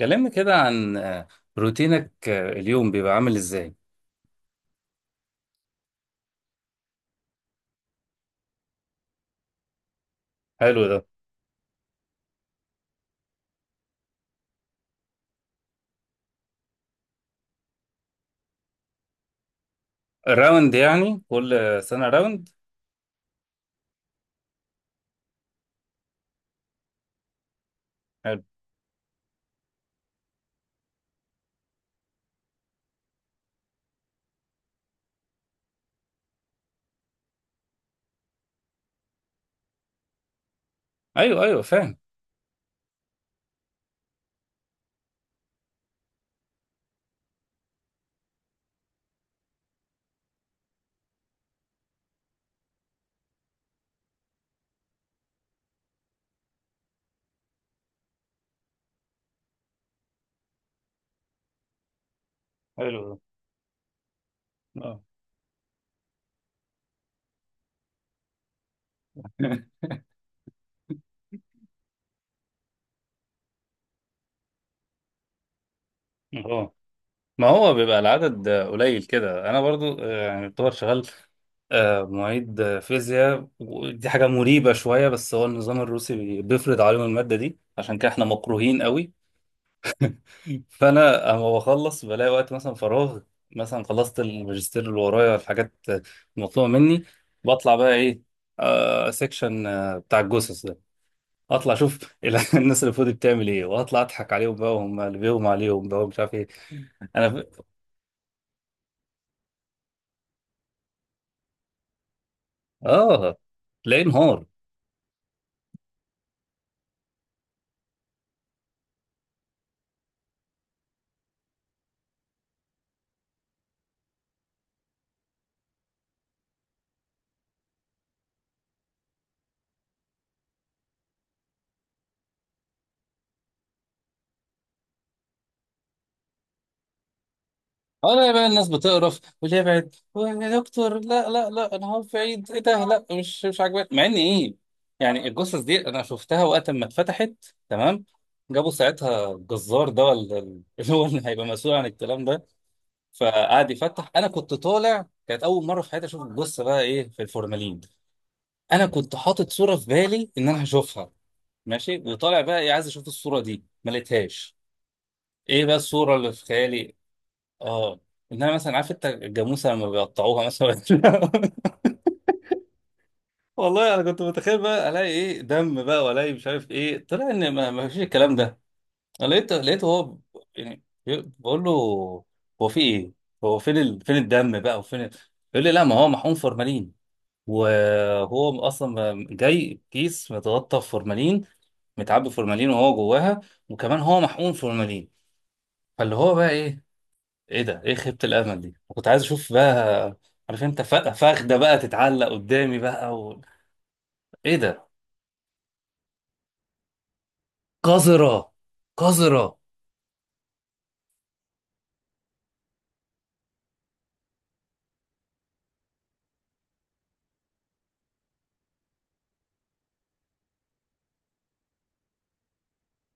كلمني كده عن روتينك، اليوم بيبقى عامل ازاي؟ حلو ده. راوند يعني كل سنة راوند؟ حلو. ايوه ايوه، فاهم. حلو ده. اه. اه، ما هو بيبقى العدد قليل كده. انا برضو يعني يعتبر شغال معيد فيزياء، ودي حاجة مريبة شوية، بس هو النظام الروسي بيفرض عليهم المادة دي، عشان كده احنا مكروهين قوي. فانا اما بخلص بلاقي وقت مثلا فراغ، مثلا خلصت الماجستير، اللي ورايا الحاجات المطلوبه مني، بطلع بقى ايه؟ آه، سيكشن بتاع الجثث ده، اطلع اشوف الناس اللي فوق دي بتعمل ايه، واطلع اضحك عليهم بقى، وهم اللي بيهم عليهم بقى، ومش عارف ايه. انا ف... اه، تلاقيه نهار. انا بقى الناس بتقرف واللي يبعد يا دكتور، لا لا لا، انا هو بعيد ايه ده؟ لا مش عاجباني، مع ان ايه، يعني الجثث دي انا شفتها وقت ما اتفتحت. تمام، جابوا ساعتها الجزار ده ولا اللي هو اللي هيبقى مسؤول عن الكلام ده، فقعد يفتح. انا كنت طالع، كانت اول مره في حياتي اشوف الجثه بقى ايه في الفورمالين. انا كنت حاطط صوره في بالي ان انا هشوفها، ماشي، وطالع بقى ايه عايز اشوف الصوره دي، ما لقيتهاش. ايه بقى الصوره اللي في خيالي؟ اه، انها مثلا، عارف انت الجاموسه لما بيقطعوها مثلا والله انا كنت متخيل بقى الاقي ايه، دم بقى، والاقي مش عارف ايه، طلع ان ما فيش الكلام ده. انا لقيته هو يعني بقول له هو في ايه، هو فين ال... فين الدم بقى وفين ال...؟ يقول لي لا، ما هو محقون فورمالين، وهو اصلا جاي كيس متغطى بفورمالين، متعبي فورمالين وهو جواها، وكمان هو محقون فورمالين. فاللي هو بقى ايه، ايه ده، ايه خيبة الامل دي، كنت عايز اشوف بقى. عارف انت فخده بقى تتعلق قدامي بقى و... ايه ده. قذرة. قذرة.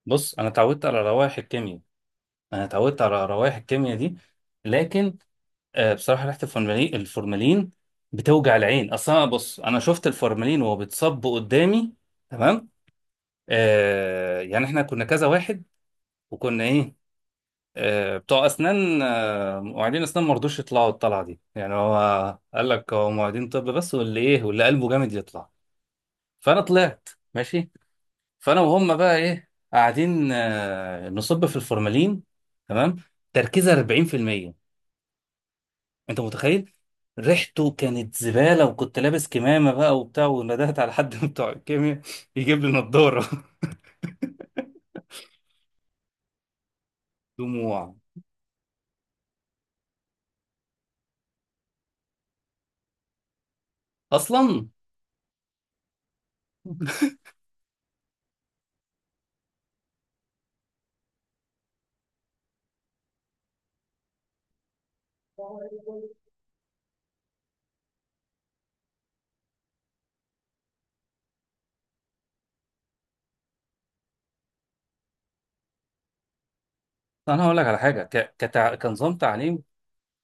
بص انا اتعودت على روائح الكيمياء. انا اتعودت على روائح الكيمياء دي، لكن آه بصراحة ريحة الفورمالين بتوجع العين اصلا. بص انا شفت الفورمالين وهو بيتصب قدامي. تمام. آه يعني احنا كنا كذا واحد، وكنا ايه، بتوع اسنان، مواعيدين اسنان، ما رضوش يطلعوا الطلعه دي. يعني هو قال لك هو مواعيدين طب، بس واللي ايه واللي قلبه جامد يطلع. فانا طلعت، ماشي. فانا وهم بقى ايه قاعدين نصب في الفورمالين، تمام، تركيزه 40%. انت متخيل؟ ريحته كانت زباله، وكنت لابس كمامه بقى وبتاع، وندهت على حد من بتوع الكيمياء يجيب لي نضاره. دموع. اصلا انا هقول لك على حاجه كنظام تعليم،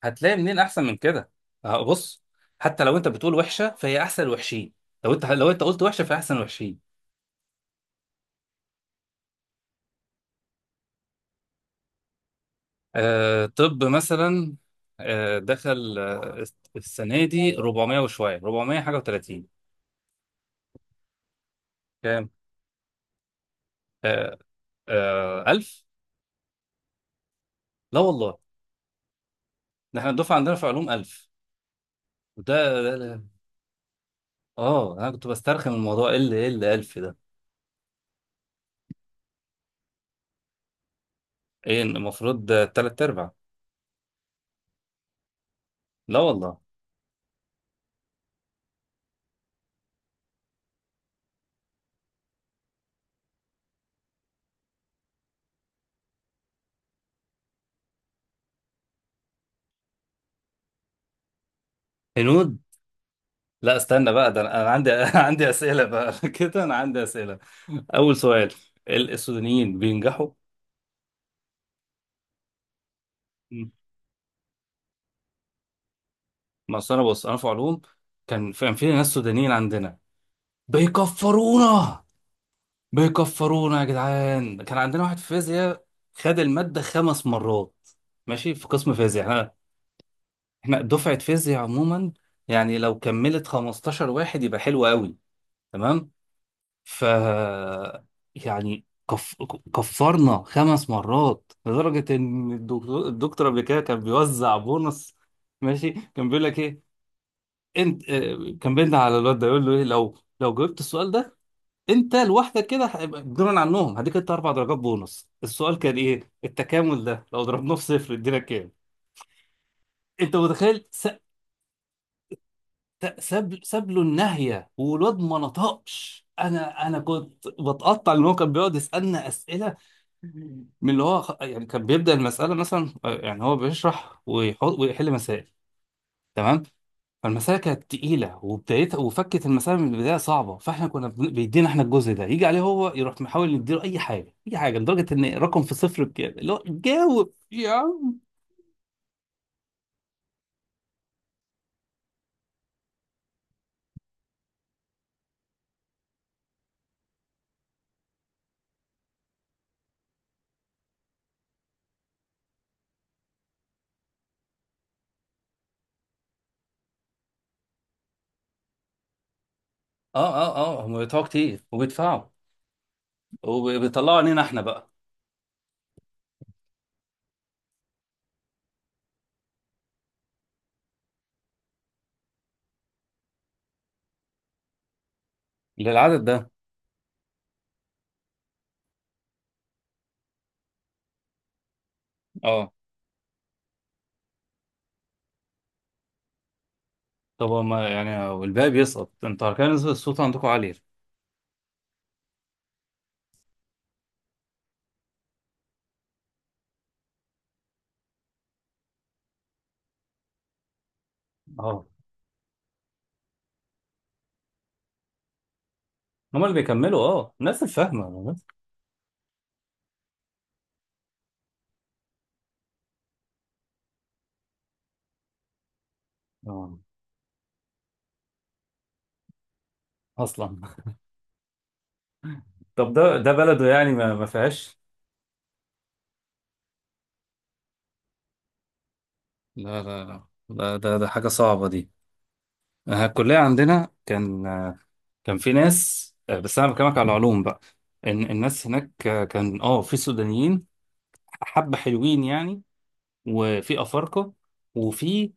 هتلاقي منين احسن من كده؟ آه، بص، حتى لو انت بتقول وحشه فهي احسن الوحشين. لو انت لو انت قلت وحشه فهي احسن الوحشين. آه طب مثلا، آه دخل آه السنه دي 400 وشويه، 400 حاجه و30. كام؟ آه، آه، 1000. لا والله، ده احنا الدفعه عندنا في علوم 1000. وده اه انا كنت بسترخي من الموضوع، ايه اللي، ايه اللي 1000 ده؟ ايه المفروض تلات ارباع؟ لا والله. هنود؟ لا استنى بقى، ده أنا عندي عندي اسئله بقى، كده انا عندي اسئله. اول سؤال، ال- السودانيين بينجحوا؟ مم. ما أصل انا، بص انا في علوم، كان في، كان في ناس سودانيين عندنا بيكفرونا. بيكفرونا يا جدعان. كان عندنا واحد في فيزياء خد المادة 5 مرات، ماشي، في قسم فيزياء احنا. احنا دفعة فيزياء عموما يعني لو كملت 15 واحد يبقى حلو قوي، تمام. ف، يعني كف... كفرنا 5 مرات لدرجة إن الدكتور قبل كده كان بيوزع بونص. ماشي، كان بيقول لك إيه، أنت، كان بينا على الواد ده يقول له إيه، لو لو جاوبت السؤال ده أنت لوحدك كده هيبقى بدون عنهم، هديك أنت 4 درجات بونص. السؤال كان إيه؟ التكامل ده لو ضربناه في صفر إدينا كام؟ أنت متخيل؟ س... ساب له الناهية والواد ما نطقش. أنا كنت بتقطع إن هو كان بيقعد يسألنا أسئلة من اللي هو يعني كان بيبدأ المسألة مثلا، يعني هو بيشرح ويحط ويحل مسائل، تمام. فالمسألة كانت تقيلة، وبدايتها وفكت المسألة من البداية صعبة، فاحنا كنا بيدينا احنا الجزء ده، يجي عليه هو يروح محاول نديله أي حاجة، أي حاجة، لدرجة إن رقم في صفر بكام؟ اللي هو جاوب يا عم. اه. اه اه، هم بيدفعوا كتير وبيدفعوا، وبيطلعوا علينا احنا بقى. للعدد ده. اه. طب هما يعني والباقي بيسقط، انتوا كان نسبة الصوت عندكم عالية؟ اه، هما اللي بيكملوا، اه الناس الفاهمة. اه. اصلا. طب ده ده بلده يعني ما فيهاش. لا لا لا لا، ده ده حاجة صعبة دي. آه، الكلية عندنا كان، كان في ناس، بس أنا بكلمك على العلوم بقى، إن الناس هناك كان اه في سودانيين حبة حلوين يعني، وفي أفارقة، وفي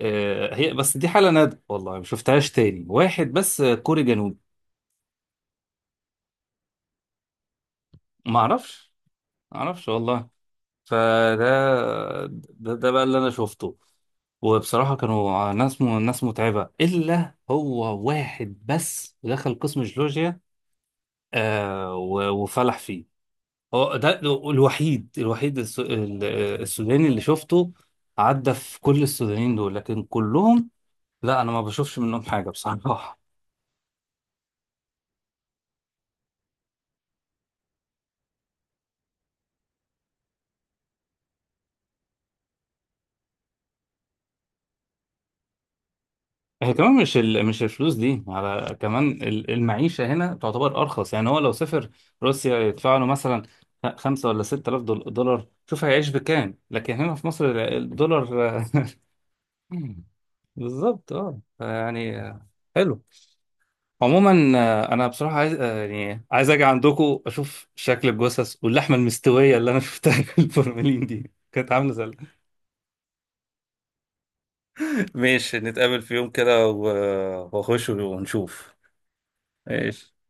هي بس دي حالة نادرة والله ما شفتهاش تاني، واحد بس كوري جنوبي. معرفش. معرفش والله. فده، ده، ده بقى اللي انا شفته. وبصراحة كانوا ناس، ناس متعبة. إلا هو واحد بس دخل قسم جيولوجيا، آه، وفلح فيه، هو ده الوحيد. السوداني اللي شفته. عدى في كل السودانيين دول، لكن كلهم، لا أنا ما بشوفش منهم حاجة بصراحة. هي كمان مش ال... مش الفلوس دي، على كمان ال- المعيشة هنا تعتبر أرخص. يعني هو لو سافر روسيا يدفع له مثلا 5 ولا 6 آلاف دولار، شوف هيعيش بكام، لكن هنا في مصر ال- الدولار بالظبط اه، يعني آه، حلو. عموما انا بصراحه عايز يعني عايز اجي عندكم اشوف شكل الجثث، واللحمه المستويه اللي انا شفتها في الفورمالين دي كانت عامله زي، ماشي، نتقابل في يوم كده واخش ونشوف. ماشي.